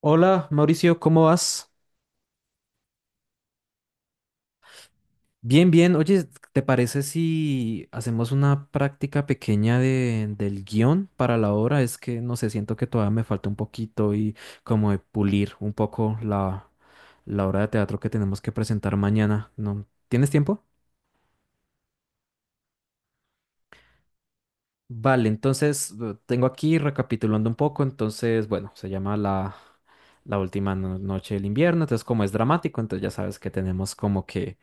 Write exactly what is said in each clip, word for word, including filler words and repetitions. Hola, Mauricio, ¿cómo vas? Bien, bien. Oye, ¿te parece si hacemos una práctica pequeña de, del guión para la obra? Es que no sé, siento que todavía me falta un poquito y como de pulir un poco la, la obra de teatro que tenemos que presentar mañana, ¿no? ¿Tienes tiempo? Vale, entonces eh, tengo aquí recapitulando un poco. Entonces, bueno, se llama la, la última no- noche del invierno. Entonces, como es dramático, entonces ya sabes que tenemos como que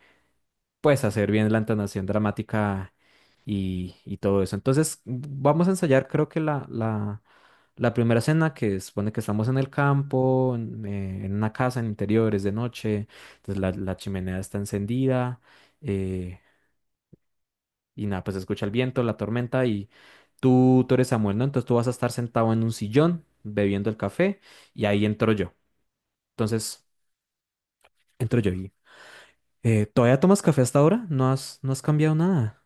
pues hacer bien la entonación dramática y, y todo eso. Entonces vamos a ensayar creo que la, la, la primera escena que supone que estamos en el campo, en, eh, en una casa, en interiores de noche, entonces la, la chimenea está encendida eh, y nada, pues se escucha el viento, la tormenta y tú, tú eres Samuel, ¿no? Entonces tú vas a estar sentado en un sillón bebiendo el café y ahí entro yo. Entonces entro yo y... eh, ¿todavía tomas café hasta ahora? ¿No has, ¿no has cambiado nada?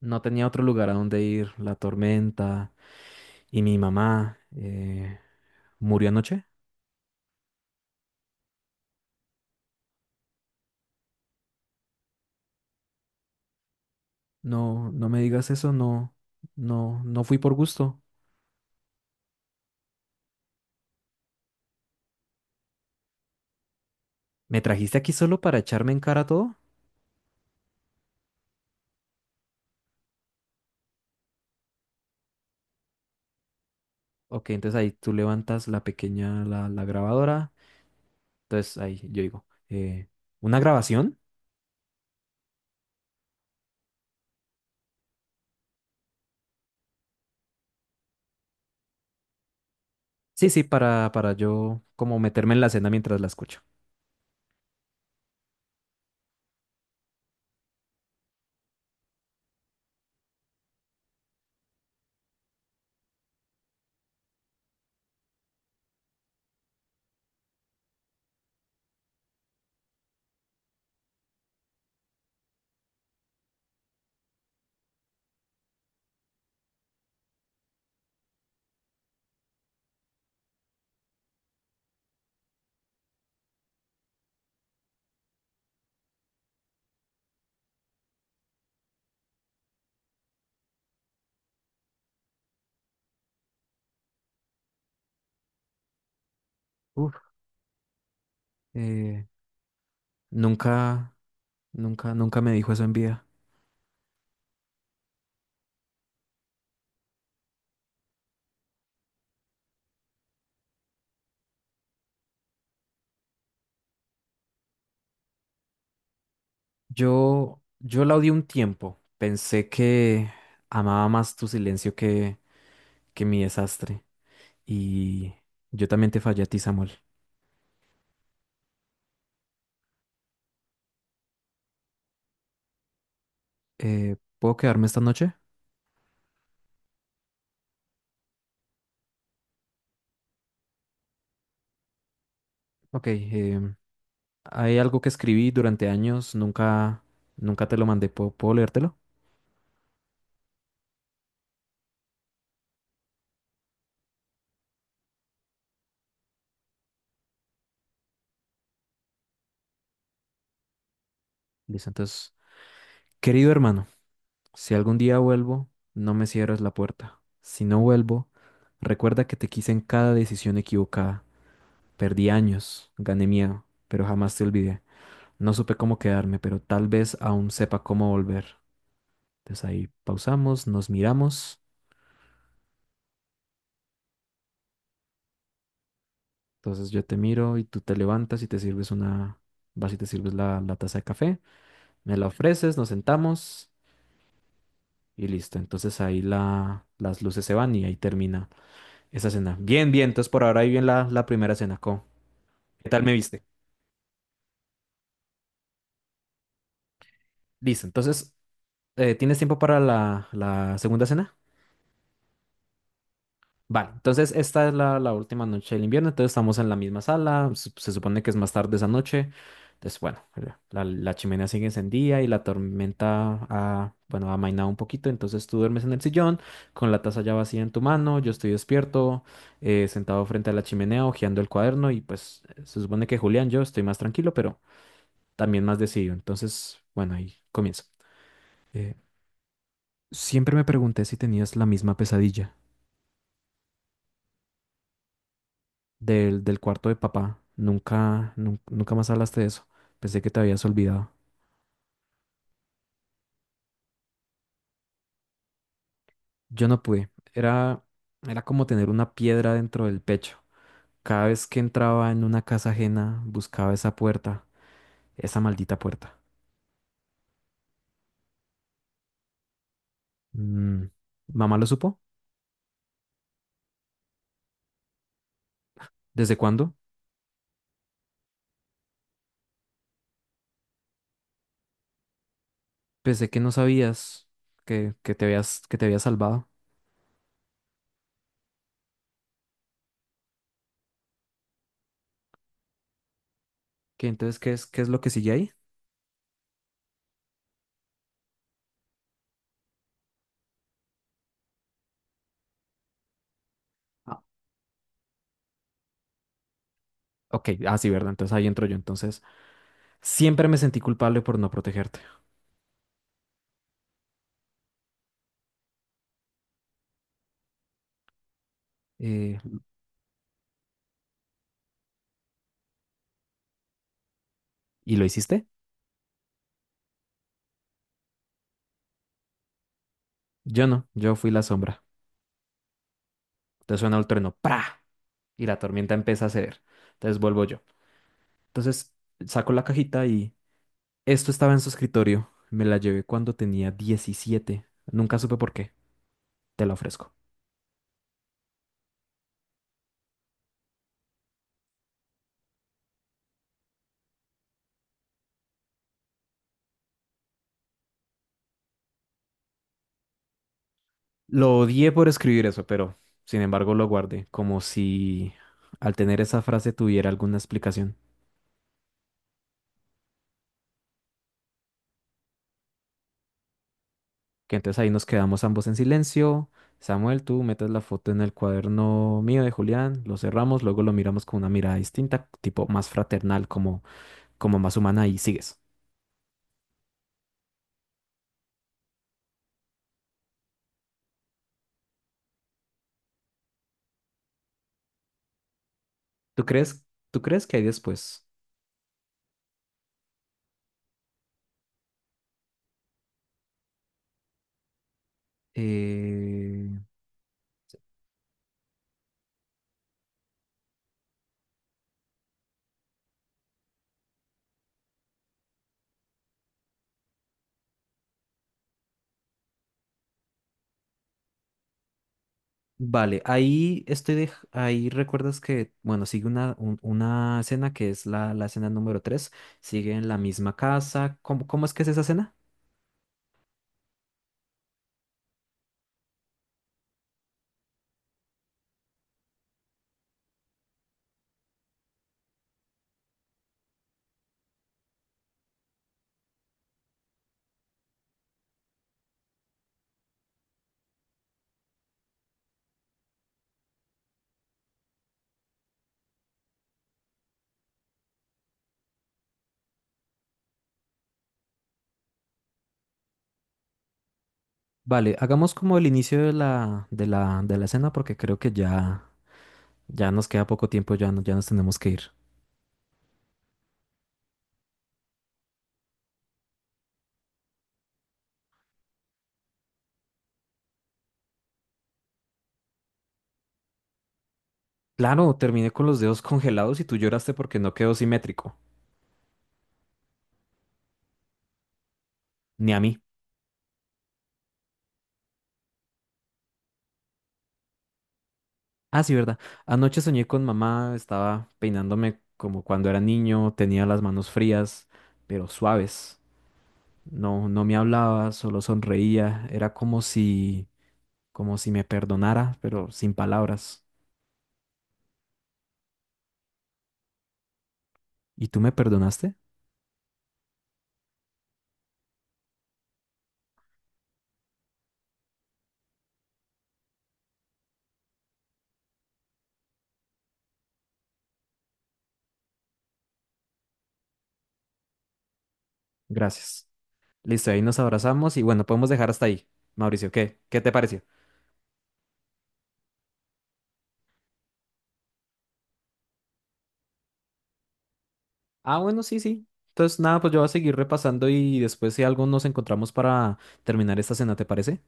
No tenía otro lugar a donde ir, la tormenta y mi mamá eh, murió anoche. No, no me digas eso, no, no, no fui por gusto. ¿Me trajiste aquí solo para echarme en cara todo? Ok, entonces ahí tú levantas la pequeña, la, la grabadora. Entonces ahí yo digo, eh, ¿una grabación? Sí, sí, para, para yo como meterme en la escena mientras la escucho. Uf. Eh, nunca, nunca, nunca me dijo eso en vida. Yo, yo la odié un tiempo. Pensé que amaba más tu silencio que, que mi desastre. Y yo también te fallé a ti, Samuel. Eh, ¿puedo quedarme esta noche? Ok, em, hay algo que escribí durante años, nunca, nunca te lo mandé. ¿Puedo, puedo leértelo? Listo, entonces, querido hermano, si algún día vuelvo, no me cierres la puerta. Si no vuelvo, recuerda que te quise en cada decisión equivocada. Perdí años, gané miedo, pero jamás te olvidé. No supe cómo quedarme, pero tal vez aún sepa cómo volver. Entonces ahí pausamos, nos miramos. Entonces yo te miro y tú te levantas y te sirves una, vas y te sirves la, la taza de café, me la ofreces, nos sentamos y listo. Entonces ahí la, las luces se van y ahí termina esa cena. Bien, bien, entonces por ahora ahí bien la, la primera cena. ¿Cómo? ¿Qué tal me viste? Listo, entonces, eh, ¿tienes tiempo para la, la segunda cena? Vale, entonces esta es la, la última noche del invierno, entonces estamos en la misma sala, se, se supone que es más tarde esa noche, entonces bueno, la, la- la chimenea sigue encendida y la tormenta ha, bueno, ha amainado un poquito, entonces tú duermes en el sillón con la taza ya vacía en tu mano, yo estoy despierto, eh, sentado frente a la chimenea, hojeando el cuaderno y pues se supone que Julián, yo estoy más tranquilo, pero también más decidido, entonces bueno, ahí comienzo. Eh, siempre me pregunté si tenías la misma pesadilla. del, del cuarto de papá. Nunca, nun- nunca más hablaste de eso. Pensé que te habías olvidado. Yo no pude. Era, era como tener una piedra dentro del pecho. Cada vez que entraba en una casa ajena, buscaba esa puerta, esa maldita puerta. Mm, ¿mamá lo supo? ¿Desde cuándo? Pensé que no sabías que, que te habías, que te habías salvado. ¿Qué, entonces, ¿qué es, qué es lo que sigue ahí? Ah, ok, ah, sí, verdad. Entonces ahí entro yo. Entonces, siempre me sentí culpable por no protegerte. Eh, ¿y lo hiciste? Yo no, yo fui la sombra. Entonces suena el trueno, ¡pra! Y la tormenta empieza a ceder. Entonces vuelvo yo. Entonces saco la cajita y esto estaba en su escritorio. Me la llevé cuando tenía diecisiete. Nunca supe por qué. Te la ofrezco. Lo odié por escribir eso, pero sin embargo lo guardé, como si al tener esa frase tuviera alguna explicación. Que entonces ahí nos quedamos ambos en silencio. Samuel, tú metes la foto en el cuaderno mío de Julián, lo cerramos, luego lo miramos con una mirada distinta, tipo más fraternal, como como más humana y sigues. ¿Tú crees, tú crees que hay después? Eh, vale, ahí estoy de, ahí recuerdas que, bueno, sigue una, un- una escena que es la, la escena número tres sigue en la misma casa. ¿Cómo, cómo es que es esa escena? Vale, hagamos como el inicio de la, de la, de la escena porque creo que ya, ya nos queda poco tiempo, ya, no- ya nos tenemos que ir. Claro, terminé con los dedos congelados y tú lloraste porque no quedó simétrico, ni a mí. Ah, sí, verdad. Anoche soñé con mamá, estaba peinándome como cuando era niño, tenía las manos frías, pero suaves. No, no me hablaba, solo sonreía. Era como si, como si me perdonara, pero sin palabras. ¿Y tú me perdonaste? Gracias. Listo, ahí nos abrazamos y bueno, podemos dejar hasta ahí. Mauricio, ¿qué? ¿Qué te pareció? Ah, bueno, sí, sí. Entonces, nada, pues yo voy a seguir repasando y después si algo nos encontramos para terminar esta cena, ¿te parece?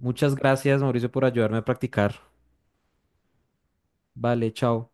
Muchas gracias, Mauricio, por ayudarme a practicar. Vale, chao.